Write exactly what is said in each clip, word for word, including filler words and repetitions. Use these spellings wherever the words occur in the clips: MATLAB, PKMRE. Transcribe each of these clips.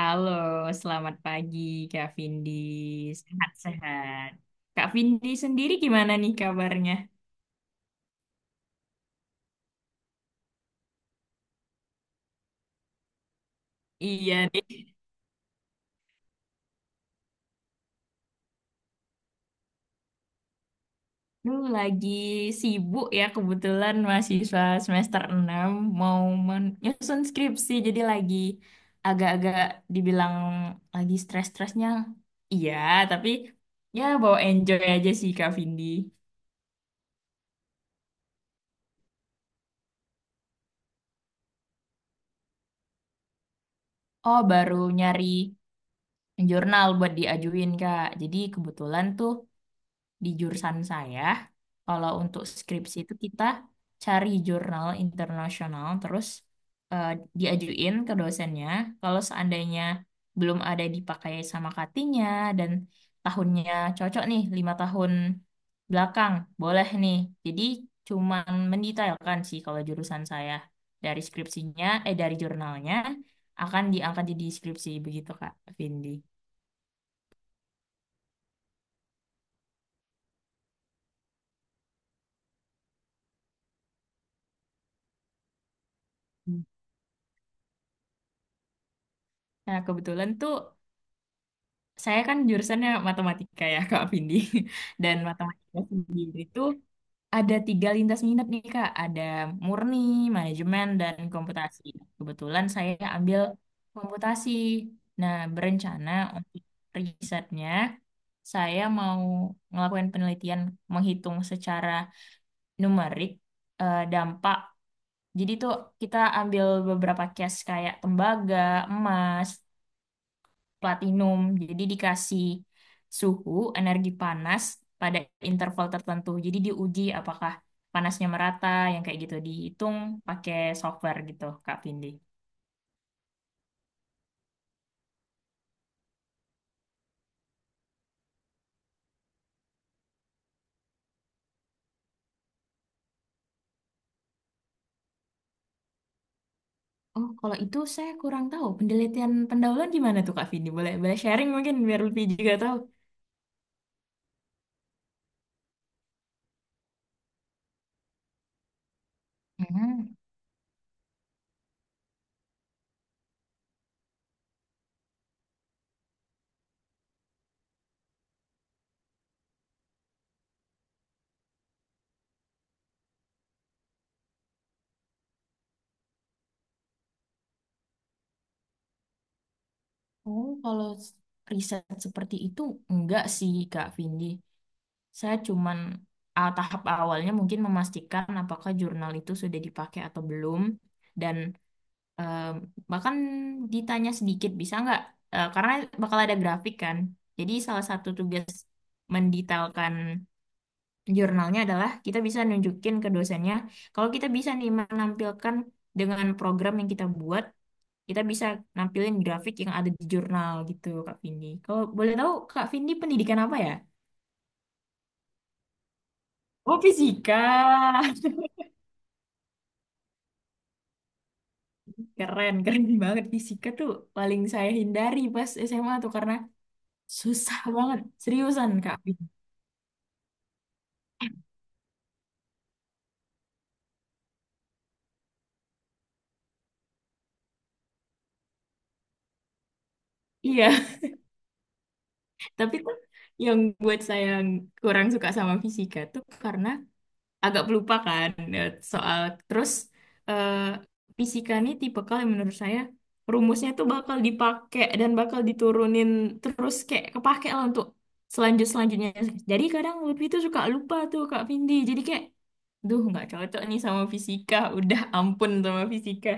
Halo, selamat pagi Kak Vindi. Sehat-sehat. Kak Vindi sendiri gimana nih kabarnya? Iya nih. Lu lagi sibuk ya, kebetulan mahasiswa semester enam mau menyusun skripsi jadi lagi agak-agak dibilang lagi stres-stresnya. Iya, tapi ya bawa enjoy aja sih Kak Vindi. Oh, baru nyari jurnal buat diajuin, Kak. Jadi kebetulan tuh di jurusan saya, kalau untuk skripsi itu kita cari jurnal internasional, terus eh, diajuin ke dosennya. Kalau seandainya belum ada dipakai sama cuttingnya dan tahunnya cocok nih, lima tahun belakang, boleh nih. Jadi cuman mendetailkan sih, kalau jurusan saya dari skripsinya, eh dari jurnalnya akan diangkat jadi skripsi begitu Kak Vindi. Hmm. Nah, kebetulan tuh saya kan jurusannya matematika ya, Kak Vindi. Dan matematika sendiri itu ada tiga lintas minat nih, Kak. Ada murni, manajemen, dan komputasi. Kebetulan saya ambil komputasi. Nah, berencana untuk risetnya, saya mau ngelakuin penelitian menghitung secara numerik eh, dampak. Jadi tuh kita ambil beberapa case kayak tembaga, emas, platinum. Jadi dikasih suhu energi panas pada interval tertentu. Jadi diuji apakah panasnya merata, yang kayak gitu dihitung pakai software gitu Kak Vindi. Oh, kalau itu saya kurang tahu. Penelitian pendahuluan gimana tuh Kak Vindi? Boleh boleh sharing mungkin biar lebih juga tahu. Hmm. Oh, kalau s- riset seperti itu enggak sih Kak Vindi. Saya cuman ah, tahap awalnya mungkin memastikan apakah jurnal itu sudah dipakai atau belum. Dan Eh, bahkan ditanya sedikit bisa nggak? Eh, karena bakal ada grafik kan. Jadi salah satu tugas mendetailkan jurnalnya adalah kita bisa nunjukin ke dosennya, kalau kita bisa nih menampilkan dengan program yang kita buat, kita bisa nampilin grafik yang ada di jurnal gitu Kak Vindi. Kalau boleh tahu Kak Vindi pendidikan apa ya? Oh fisika, keren keren banget fisika tuh paling saya hindari pas S M A tuh karena susah banget seriusan Kak. Iya. Tapi tuh yang buat saya kurang suka sama fisika tuh karena agak pelupakan ya, soal terus eh, fisika nih tipikal yang menurut saya rumusnya tuh bakal dipakai dan bakal diturunin terus kayak kepake lah untuk selanjut selanjutnya. Jadi kadang Lutfi tuh suka lupa tuh Kak Vindi. Jadi kayak, duh nggak cocok nih sama fisika. Udah ampun sama fisika.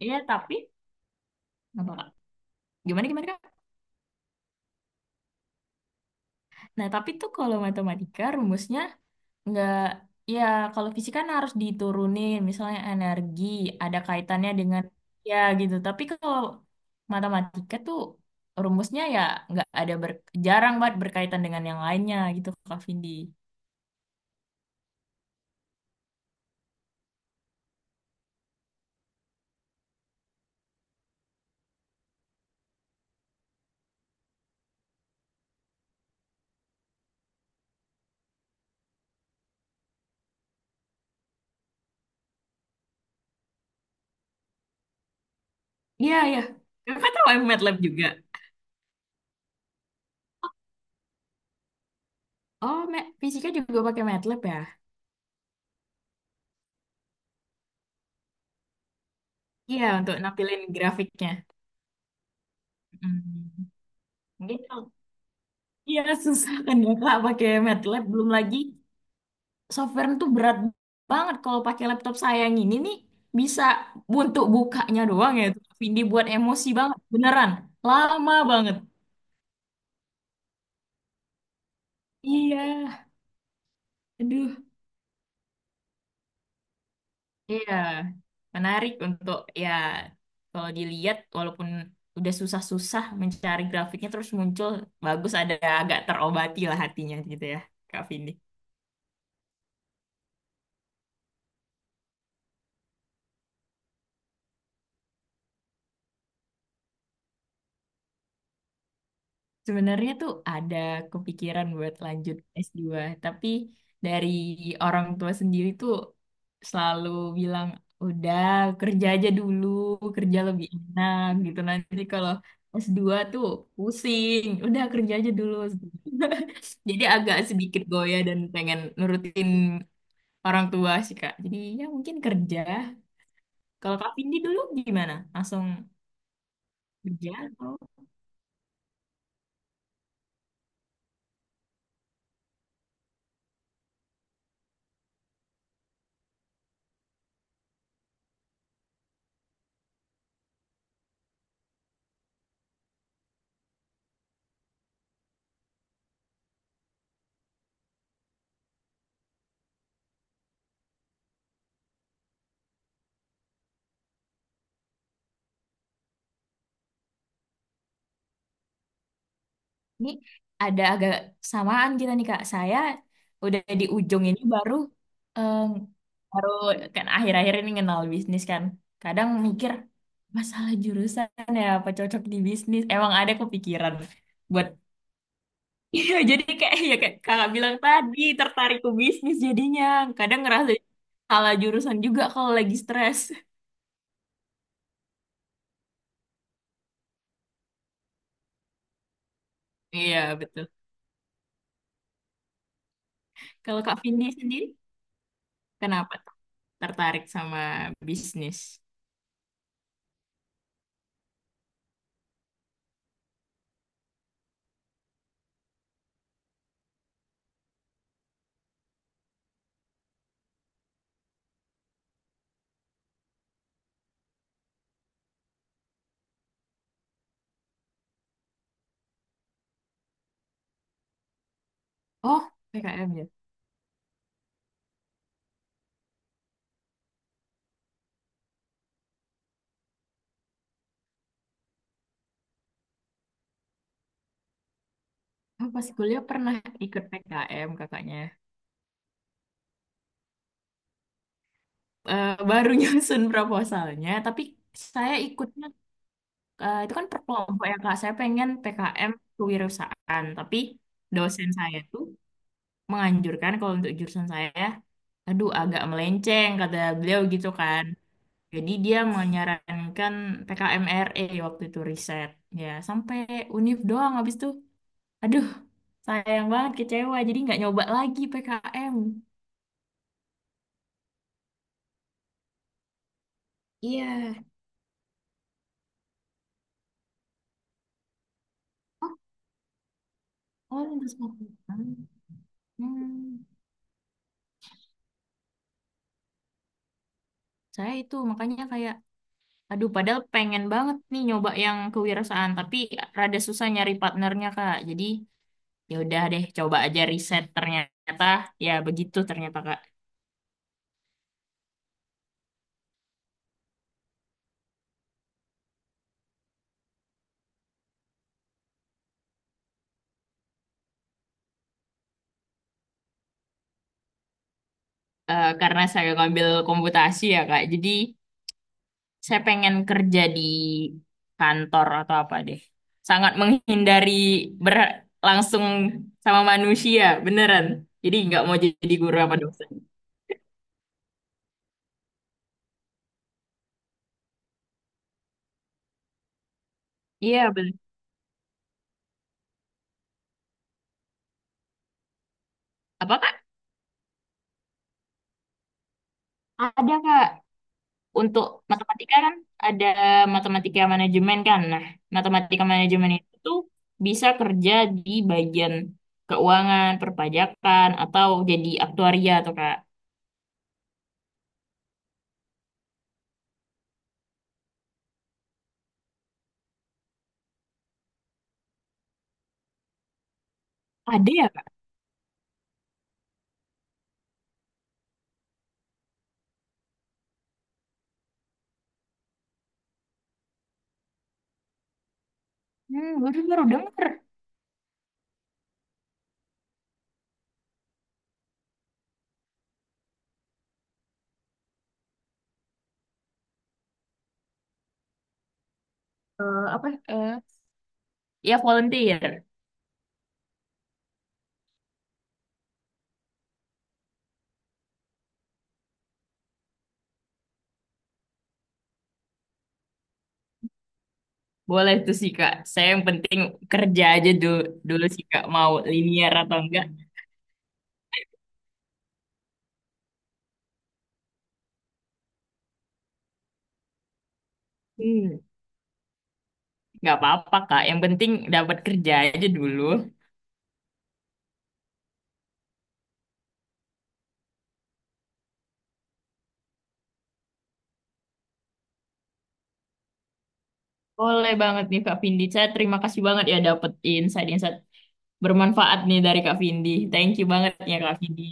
Iya tapi apa Kak? Gimana gimana Kak? Nah tapi tuh kalau matematika rumusnya, nggak, ya kalau fisika kan harus diturunin, misalnya energi, ada kaitannya dengan ya gitu. Tapi kalau matematika tuh rumusnya ya nggak ada ber, jarang banget berkaitan dengan yang lainnya gitu Kak Vindi. Iya, iya. Kakak tahu yang MATLAB juga? Oh, Ma- fisika juga pakai MATLAB ya? Iya, untuk nampilin grafiknya. Hmm. Gitu. Iya, susah kan ya Kak pakai MATLAB, belum lagi software itu berat banget kalau pakai laptop saya yang ini nih, bisa untuk bukanya doang ya tapi dibuat emosi banget beneran, lama banget. Iya, aduh, iya, menarik untuk, ya kalau dilihat walaupun udah susah-susah mencari grafiknya terus muncul bagus, ada agak terobati lah hatinya gitu ya Kak Vindi. Sebenarnya tuh ada kepikiran buat lanjut s dua tapi dari orang tua sendiri tuh selalu bilang, udah kerja aja dulu, kerja lebih enak gitu. Nanti kalau s dua tuh pusing, udah kerja aja dulu. Jadi agak sedikit goyah dan pengen nurutin orang tua sih, Kak. Jadi ya mungkin kerja. Kalau Kak Vindi dulu gimana? Langsung kerja? Ini ada agak samaan kita nih Kak. Saya udah di ujung ini baru eh, baru kan akhir-akhir ini kenal bisnis kan. Kadang mikir masalah jurusan ya apa cocok di bisnis. Emang ada kepikiran buat iya, jadi kayak ya kayak kakak bilang tadi tertarik ke bisnis jadinya kadang ngerasa salah jurusan juga kalau lagi stres. Iya betul. Kalau Kak Vindi sendiri kenapa tertarik sama bisnis? Oh, P K M. Oh, pas kuliah pernah ikut P K M kakaknya. Eh, baru nyusun proposalnya, tapi saya ikutnya eh, itu kan per kelompok ya kak. Saya pengen P K M kewirausahaan, tapi dosen saya tuh menganjurkan kalau untuk jurusan saya, aduh agak melenceng kata beliau gitu kan. Jadi dia menyarankan P K M R E waktu itu riset. Ya sampai univ doang habis itu, aduh sayang banget kecewa. Jadi nggak nyoba lagi P K M. Iya. Oh, lintas Afrika. Hmm. Saya itu makanya kayak, aduh padahal pengen banget nih nyoba yang kewirausahaan, tapi rada susah nyari partnernya Kak. Jadi ya udah deh, coba aja riset ternyata ya begitu ternyata Kak. Eh, karena saya ngambil komputasi ya Kak, jadi saya pengen kerja di kantor atau apa deh. Sangat menghindari ber- langsung sama manusia, beneran. Jadi nggak mau jadi guru apa dosen. Iya, bener. Apa Kak? Ada Kak. Untuk matematika kan ada matematika manajemen kan. Nah, matematika manajemen itu tuh bisa kerja di bagian keuangan, perpajakan, atau jadi aktuaria atau kak. Ada ya kak? Hmm, baru baru dengar. Eh, apa? eh, ya volunteer. Boleh tuh sih kak. Saya yang penting kerja aja dulu, dulu sih kak. Mau linear atau enggak. Hmm, nggak apa-apa kak. Yang penting dapat kerja aja dulu. Boleh banget nih Kak Vindi. Saya terima kasih banget ya dapat insight-insight bermanfaat nih dari Kak Vindi. Thank you banget ya Kak Vindi.